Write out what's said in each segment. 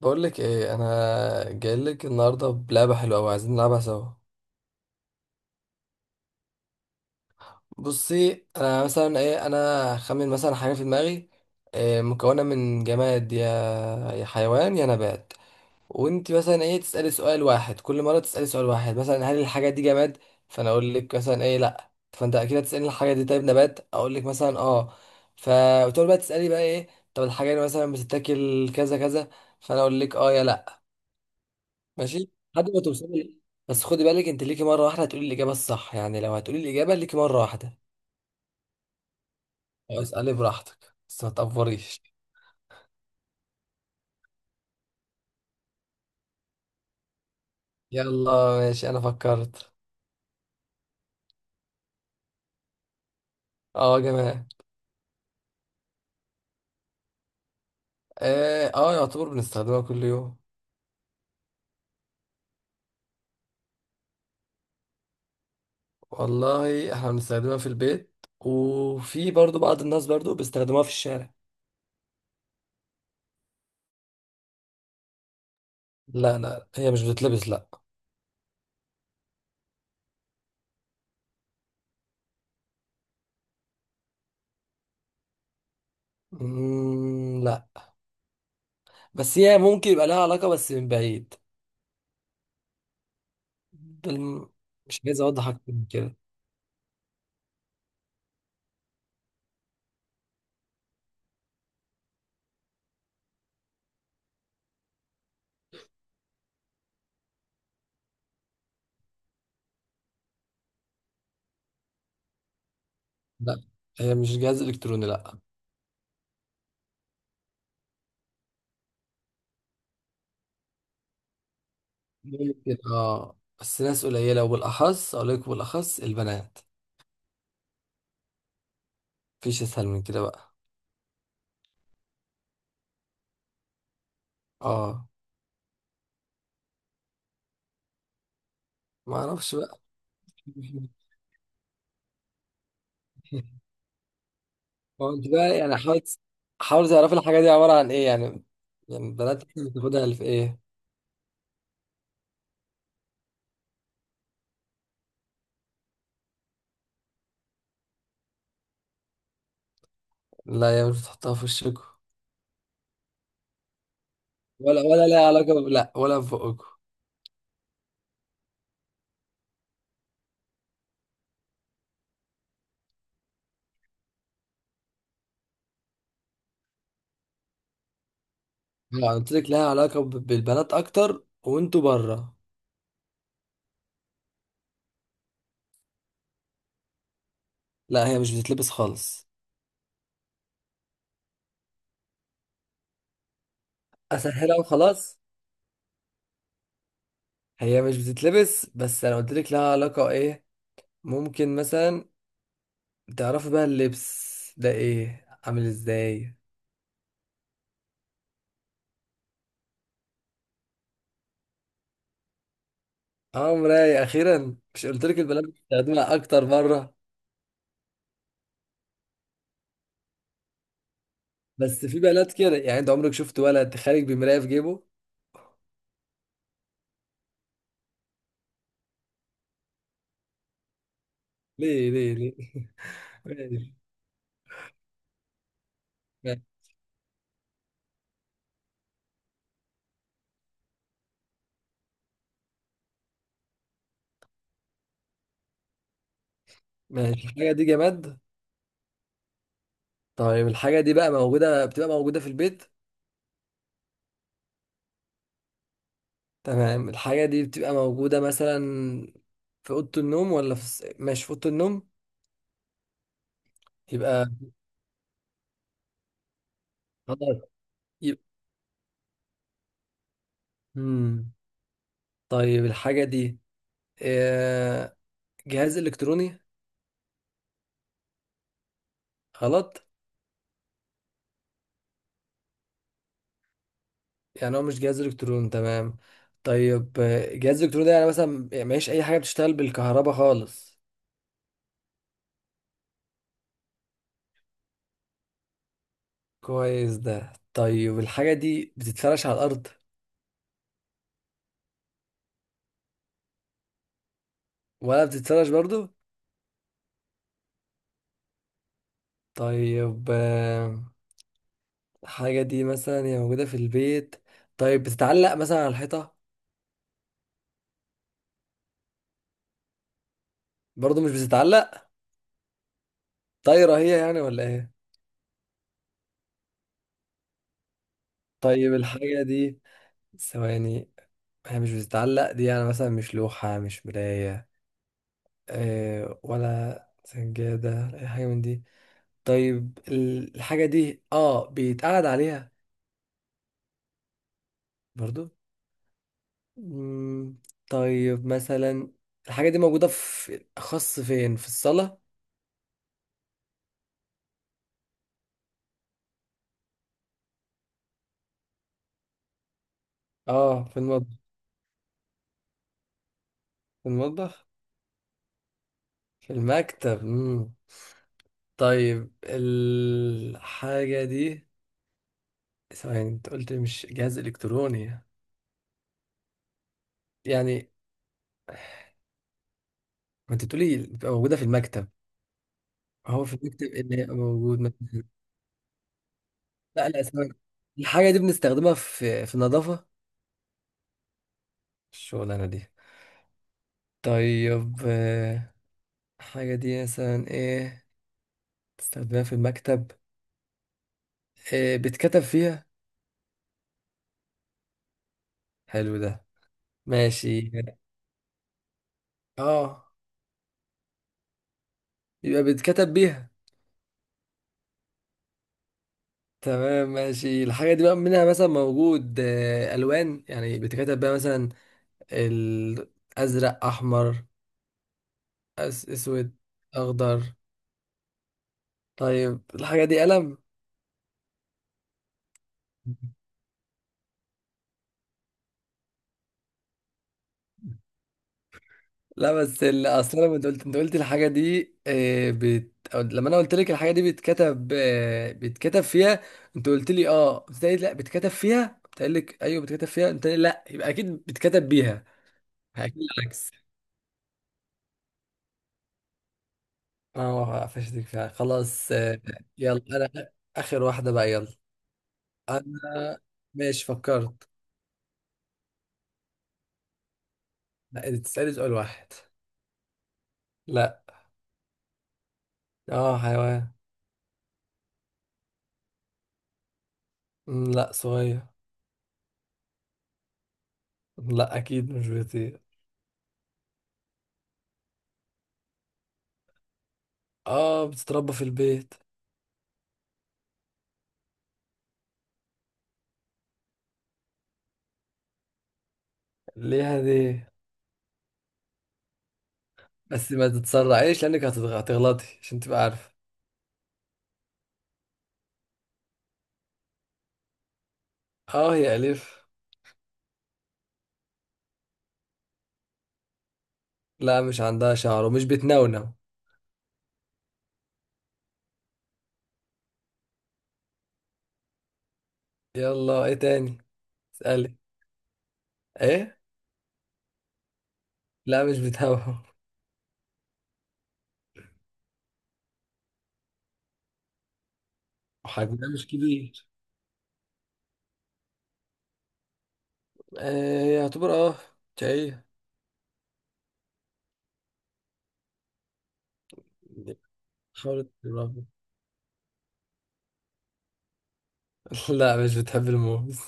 بقول لك ايه، انا جاي لك النهارده بلعبه حلوه قوي عايزين نلعبها سوا. بصي انا مثلا ايه، انا خمن مثلا حاجه في دماغي. إيه مكونه من جماد يا حيوان يا نبات. وانت مثلا ايه تسالي سؤال واحد، كل مره تسالي سؤال واحد مثلا هل الحاجه دي جماد، فانا اقول لك مثلا ايه لا، فانت اكيد هتسالي الحاجه دي طيب نبات، اقول لك مثلا اه. ف وتقعد بقى تسالي بقى ايه. طب الحاجه دي مثلا بتتاكل كذا كذا، فانا اقول لك اه يا لا. ماشي، لحد ما توصلي. بس خدي بالك انت ليكي مره واحده هتقولي الاجابه الصح، يعني لو هتقولي الاجابه ليكي مره واحده. أو اسالي براحتك بس ما تقفريش. يلا، ماشي انا فكرت. اه يا جماعه. اه، يعتبر بنستخدمها كل يوم. والله احنا بنستخدمها في البيت، وفي برضو بعض الناس برضو بيستخدموها في الشارع. لا لا، هي مش بتتلبس، لا. لا، بس هي ممكن يبقى لها علاقه بس من بعيد. ده الم- مش عايز اوضح اكتر من كده. لا، هي مش جهاز الكتروني، لا. ممكن اه، بس ناس قليلة وبالأخص أقول لك بالأخص البنات. مفيش أسهل من كده بقى. اه. ما أعرفش بقى. هو أنت بقى يعني حاول، حاول تعرف الحاجة دي عبارة عن إيه يعني. يعني البنات إحنا بتاخدها في إيه. لا يا، مش بتحطها في وشكوا. ولا لها علاقة ب، لا ولا في بقكوا. أنا قلت لك لها علاقة ب، بالبنات أكتر وأنتوا بره. لا هي مش بتتلبس خالص. أسهلها وخلاص. هي مش بتتلبس بس أنا قلت لك لها علاقة إيه. ممكن مثلا تعرفي بقى اللبس ده ايه عامل ازاي. اه مراية، اخيرا. مش قلت لك البنات بتستخدمها اكتر مرة؟ بس في بنات كده، يعني انت عمرك شفت ولد خارج بمراية في جيبه؟ ليه ليه ليه؟ ماشي. ماشي ماشي. الحاجة دي جماد. طيب الحاجة دي بقى موجودة، بتبقى موجودة في البيت. تمام، الحاجة دي بتبقى موجودة مثلا في أوضة النوم، ولا في الس-، ماشي في أوضة النوم. يبقى خلاص. يبقى مم. طيب الحاجة دي آه، جهاز إلكتروني؟ غلط. يعني هو مش جهاز الكترون، تمام. طيب جهاز الكترون ده يعني مثلا، يعني مفيش اي حاجه بتشتغل بالكهرباء خالص. كويس ده. طيب الحاجه دي بتتفرش على الارض ولا بتتفرش برضو؟ طيب الحاجه دي مثلا هي موجوده في البيت. طيب بتتعلق مثلا على الحيطه؟ برضو مش بتتعلق. طايره هي يعني ولا ايه؟ طيب الحاجه دي، ثواني. هي مش بتتعلق دي، يعني مثلا مش لوحه، مش مرايه، ولا سجادة أي حاجة من دي. طيب ال-، الحاجة دي اه بيتقعد عليها؟ برضو. مم، طيب مثلا الحاجة دي موجودة في أخص فين؟ في الصالة؟ اه في المطبخ؟ في المطبخ، في المكتب. مم. طيب الحاجة دي، ثواني، انت قلت مش جهاز إلكتروني، يعني، ما انت بتقولي بتبقى موجودة في المكتب، هو في المكتب اللي هيبقى موجود؟ لا لا ثواني. الحاجة دي بنستخدمها في في النظافة الشغلانة دي؟ طيب الحاجة دي مثلا ايه بتستخدمها في المكتب، إيه بتكتب فيها؟ حلو ده. ماشي. اه، يبقى بتكتب بيها. تمام، ماشي. الحاجة دي بقى منها مثلا موجود ألوان، يعني بتكتب بيها مثلا الأزرق، أحمر، أس- أسود، أخضر. طيب الحاجة دي قلم. لا بس ال-، اصل انا، انت قلت، انت قلت الحاجه دي بت، أو لما انا قلت لك الحاجه دي بتكتب بتكتب فيها، انت قلت لي اه، قلت لي لا بتكتب فيها، قلت لك ايوه بتكتب فيها، انت قلت لي لا، يبقى اكيد بتكتب بيها، اكيد العكس. اه قفشتك فعلا خلاص. يلا انا، اخر واحده بقى، يلا. انا، ماشي فكرت. لا انت تسالي سؤال واحد. لا. اه حيوان. لا صغير. لا اكيد مش بيطير. اه بتتربى في البيت. ليه دي، بس ما تتسرعيش لانك هتتغ- هتغلطي عشان تبقى عارفه. اه هي الف. لا مش عندها شعر ومش بتنونو. يلا ايه تاني، اسالي. ايه؟ لا مش بتنونو. وحجمها مش كبير. آه يعتبر اه، شقية. حاولت تقربي. لا مش بتحب الموز.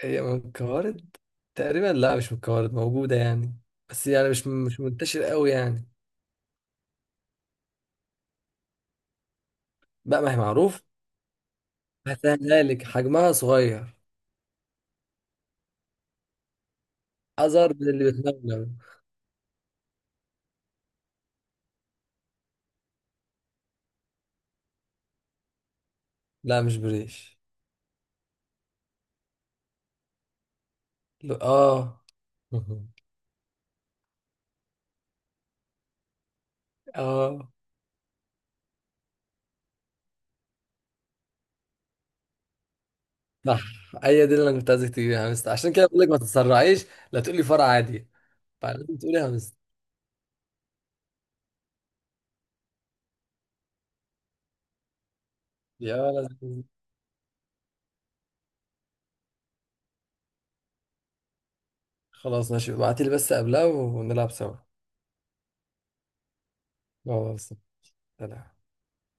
هي من الكوارد تقريبا، لا مش من الكوارد، موجودة يعني بس يعني مش منتشر قوي يعني. بقى ما هي معروف. هسهلها لك، حجمها صغير، أصغر من اللي بتنونو. لا مش بريش. اه. اه صح. هي دي اللي انا كنت عايزك تجيبي يا همستة، عشان كده بقول لك ما تتسرعيش لا تقولي فرع عادي، فلازم تقولي همستة. يا لازم. خلاص ماشي، ابعتي لي بس قبلها ونلعب سوا. خلاص. سلام.